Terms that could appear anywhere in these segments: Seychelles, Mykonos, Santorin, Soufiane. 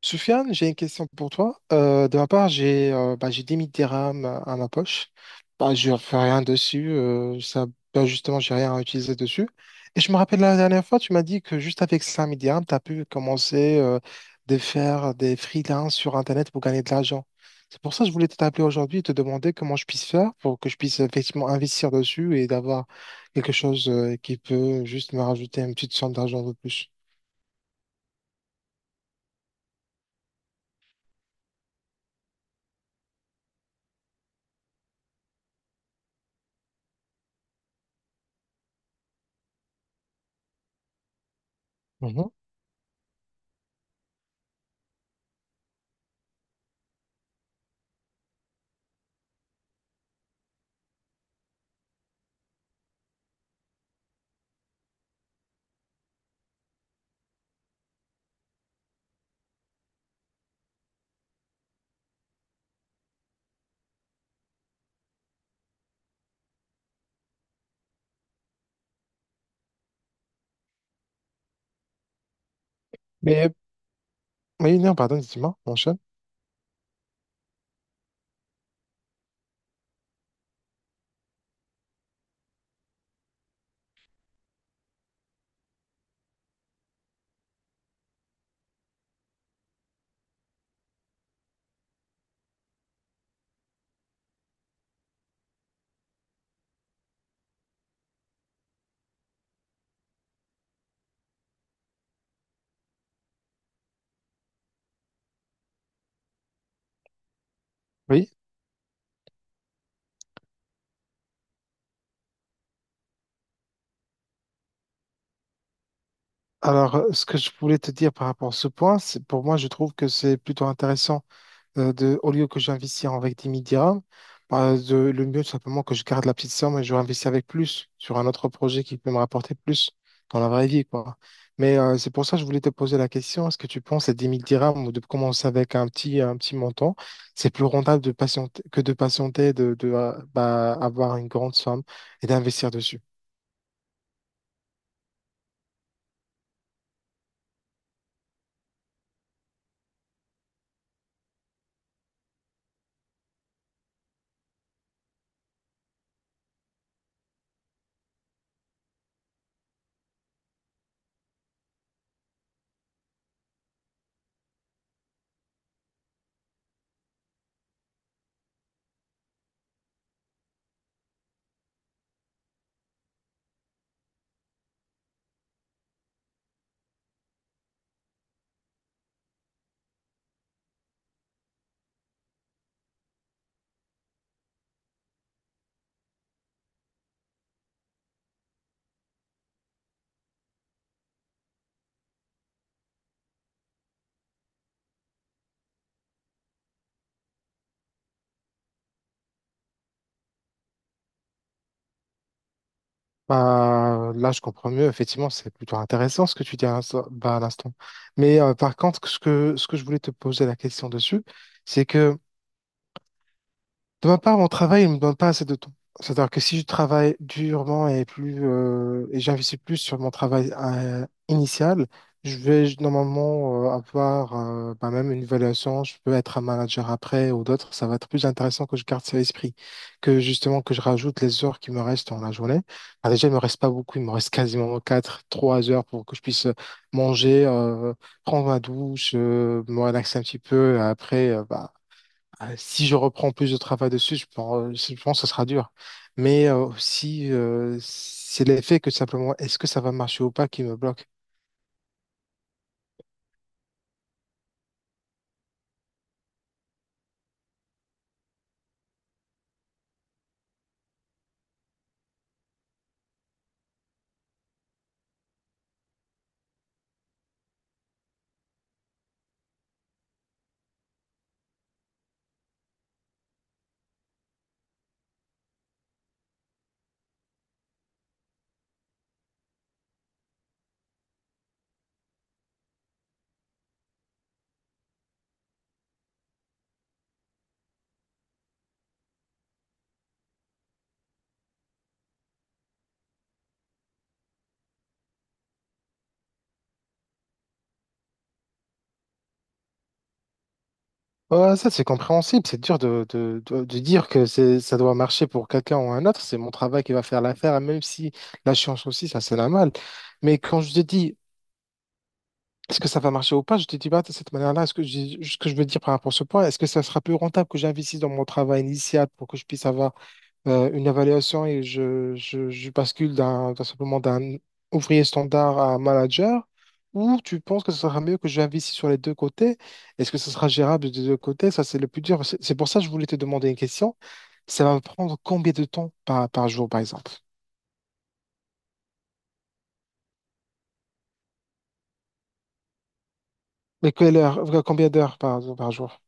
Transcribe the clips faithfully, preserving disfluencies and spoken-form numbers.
Soufiane, j'ai une question pour toi. Euh, de ma part, j'ai euh, bah, j'ai dix mille dirhams à ma poche. Bah, je ne fais rien dessus. Euh, ça, bah, justement, j'ai rien à utiliser dessus. Et je me rappelle la dernière fois, tu m'as dit que juste avec cinq mille dirhams, tu as pu commencer euh, de faire des freelances sur Internet pour gagner de l'argent. C'est pour ça que je voulais t'appeler aujourd'hui et te demander comment je puisse faire pour que je puisse effectivement investir dessus et d'avoir quelque chose euh, qui peut juste me rajouter une petite somme d'argent de plus. Mhm. Mais, oui, non, pardon, dis-moi, mon oui, alors euh, ce que je voulais te dire par rapport à ce point, c'est pour moi, je trouve que c'est plutôt intéressant, euh, de, au lieu que j'investisse avec dix mille dirhams, bah, de- le mieux tout simplement que je garde la petite somme et je réinvestis avec plus sur un autre projet qui peut me rapporter plus dans la vraie vie, quoi. Mais euh, c'est pour ça que je voulais te poser la question, est-ce que tu penses à dix mille dirhams ou de commencer avec un petit, un petit montant, c'est plus rentable de patienter, que de patienter, de, de euh, bah, avoir une grande somme et d'investir dessus? Bah, là, je comprends mieux. Effectivement, c'est plutôt intéressant ce que tu dis à l'instant. bah, à l'instant. Mais euh, par contre, ce que, ce que je voulais te poser la question dessus, c'est que de ma part, mon travail ne me donne pas assez de temps. C'est-à-dire que si je travaille durement et plus, euh, et j'investis plus sur mon travail euh, initial, je vais normalement euh, avoir, euh, bah, même une évaluation. Je peux être un manager après ou d'autres. Ça va être plus intéressant que je garde ça à l'esprit, que justement que je rajoute les heures qui me restent dans la journée. Ah, déjà, il me reste pas beaucoup. Il me reste quasiment quatre, trois heures pour que je puisse manger, euh, prendre ma douche, euh, me relaxer un petit peu. Après, euh, bah, euh, si je reprends plus de travail dessus, je pense, euh, je pense que ce sera dur. Mais euh, aussi, euh, c'est l'effet que simplement, est-ce que ça va marcher ou pas qui me bloque. Ouais, ça, c'est compréhensible. C'est dur de, de, de, de dire que c'est, ça doit marcher pour quelqu'un ou un autre. C'est mon travail qui va faire l'affaire, même si la science aussi, ça, c'est normal. Mais quand je te dis, est-ce que ça va marcher ou pas, je te dis pas de cette manière-là. Est-ce que je- ce que je veux dire par rapport à ce point, est-ce que ça sera plus rentable que j'investisse dans mon travail initial pour que je puisse avoir euh, une évaluation, et je, je, je bascule d'un, d'un simplement d'un ouvrier standard à un manager, ou tu penses que ce sera mieux que j'investisse sur les deux côtés? Est-ce que ce sera gérable des deux côtés? Ça, c'est le plus dur. C'est c'est pour ça que je voulais te demander une question. Ça va me prendre combien de temps par, par jour, par exemple? Mais quelle heure, euh, combien d'heures par, par jour?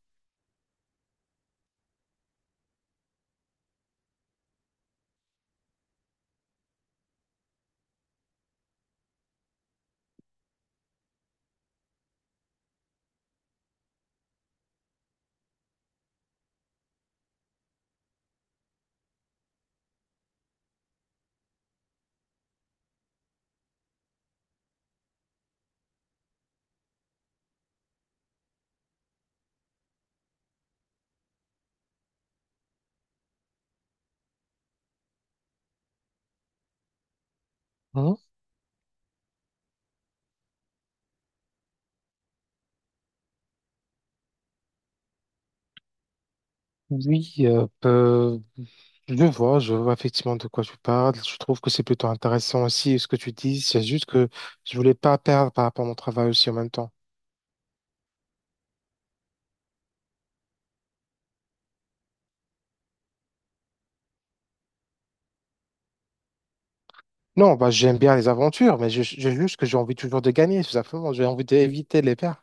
Hein. Oui, euh, euh, je vois, je vois effectivement de quoi tu parles. Je trouve que c'est plutôt intéressant aussi ce que tu dis. C'est juste que je voulais pas perdre par rapport à mon travail aussi en même temps. Non, bah, j'aime bien les aventures, mais j'ai j'ai juste que j'ai envie toujours de gagner, tout simplement. J'ai envie d'éviter les pertes.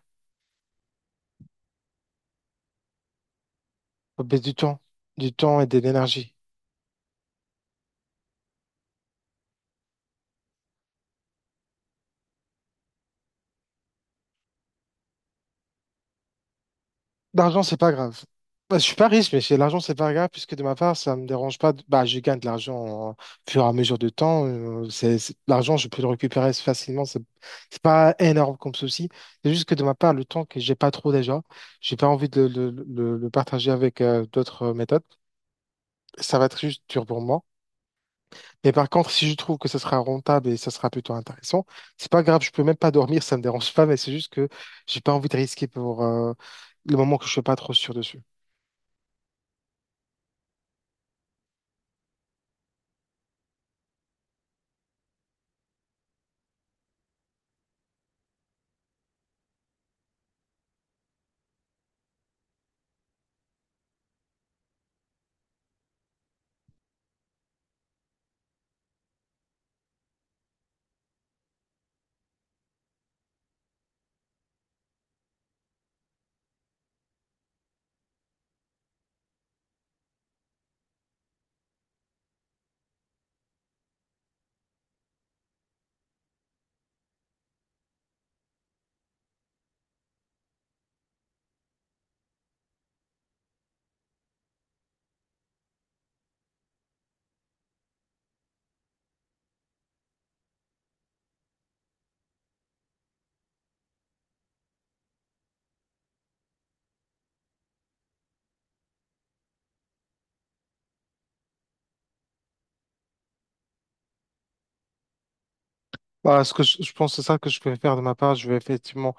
Faut baisser du temps, du temps et de l'énergie. L'argent, c'est pas grave. Bah, je suis pas riche, mais c'est- l'argent, c'est pas grave, puisque de ma part, ça me dérange pas. de- Bah, je gagne de l'argent au fur et à mesure du temps. euh, c'est, c'est- L'argent, je peux le récupérer facilement. C'est c'est pas énorme comme souci. C'est juste que de ma part, le temps que j'ai pas trop déjà, j'ai pas envie de le, le- le- le partager avec euh, d'autres méthodes. Ça va être juste dur pour moi. Mais par contre, si je trouve que ce sera rentable et ça sera plutôt intéressant, c'est pas grave, je peux même pas dormir, ça me dérange pas, mais c'est juste que j'ai pas envie de risquer pour, euh, le moment que je suis pas trop sûr dessus. Voilà, ce que je, je pense, c'est ça que je peux faire de ma part. Je vais effectivement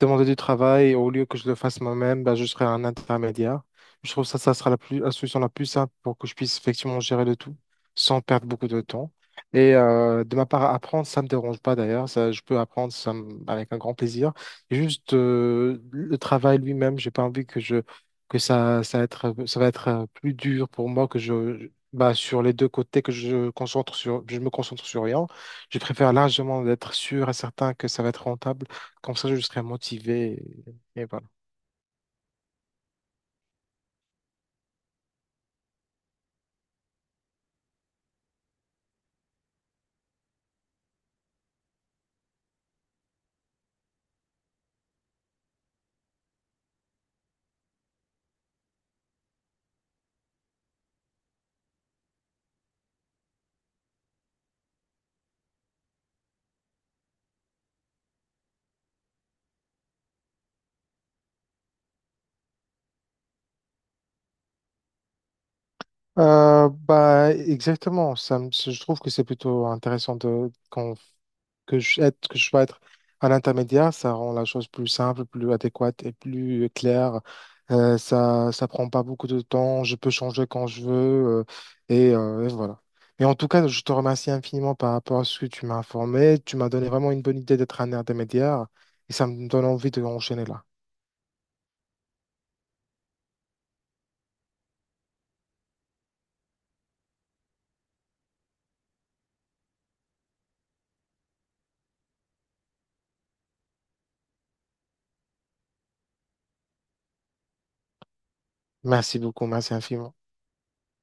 demander du travail au lieu que je le fasse moi-même, bah, je serai un intermédiaire. Je trouve ça, ça sera la plus, la solution la plus simple pour que je puisse effectivement gérer le tout sans perdre beaucoup de temps. Et euh, de ma part, apprendre, ça ne me dérange pas d'ailleurs. Ça, je peux apprendre ça me- avec un grand plaisir. Et juste euh, le travail lui-même, j'ai pas envie que je que ça, ça, va être, ça va être euh, plus dur pour moi que je- bah, sur les deux côtés, que je concentre sur, je me concentre sur rien. Je préfère largement d'être sûr et certain que ça va être rentable comme ça, je serai motivé. Et, et voilà. Euh, bah, exactement. Ça me- je trouve que c'est plutôt intéressant de, qu'on- que je, être, que je sois être un intermédiaire. Ça rend la chose plus simple, plus adéquate et plus claire. Euh, ça, ça prend pas beaucoup de temps. Je peux changer quand je veux. euh, et, euh, et voilà. Et en tout cas, je te remercie infiniment par rapport à ce que tu m'as informé. Tu m'as donné vraiment une bonne idée d'être un intermédiaire. Et ça me donne envie de enchaîner là. Merci beaucoup, merci infiniment.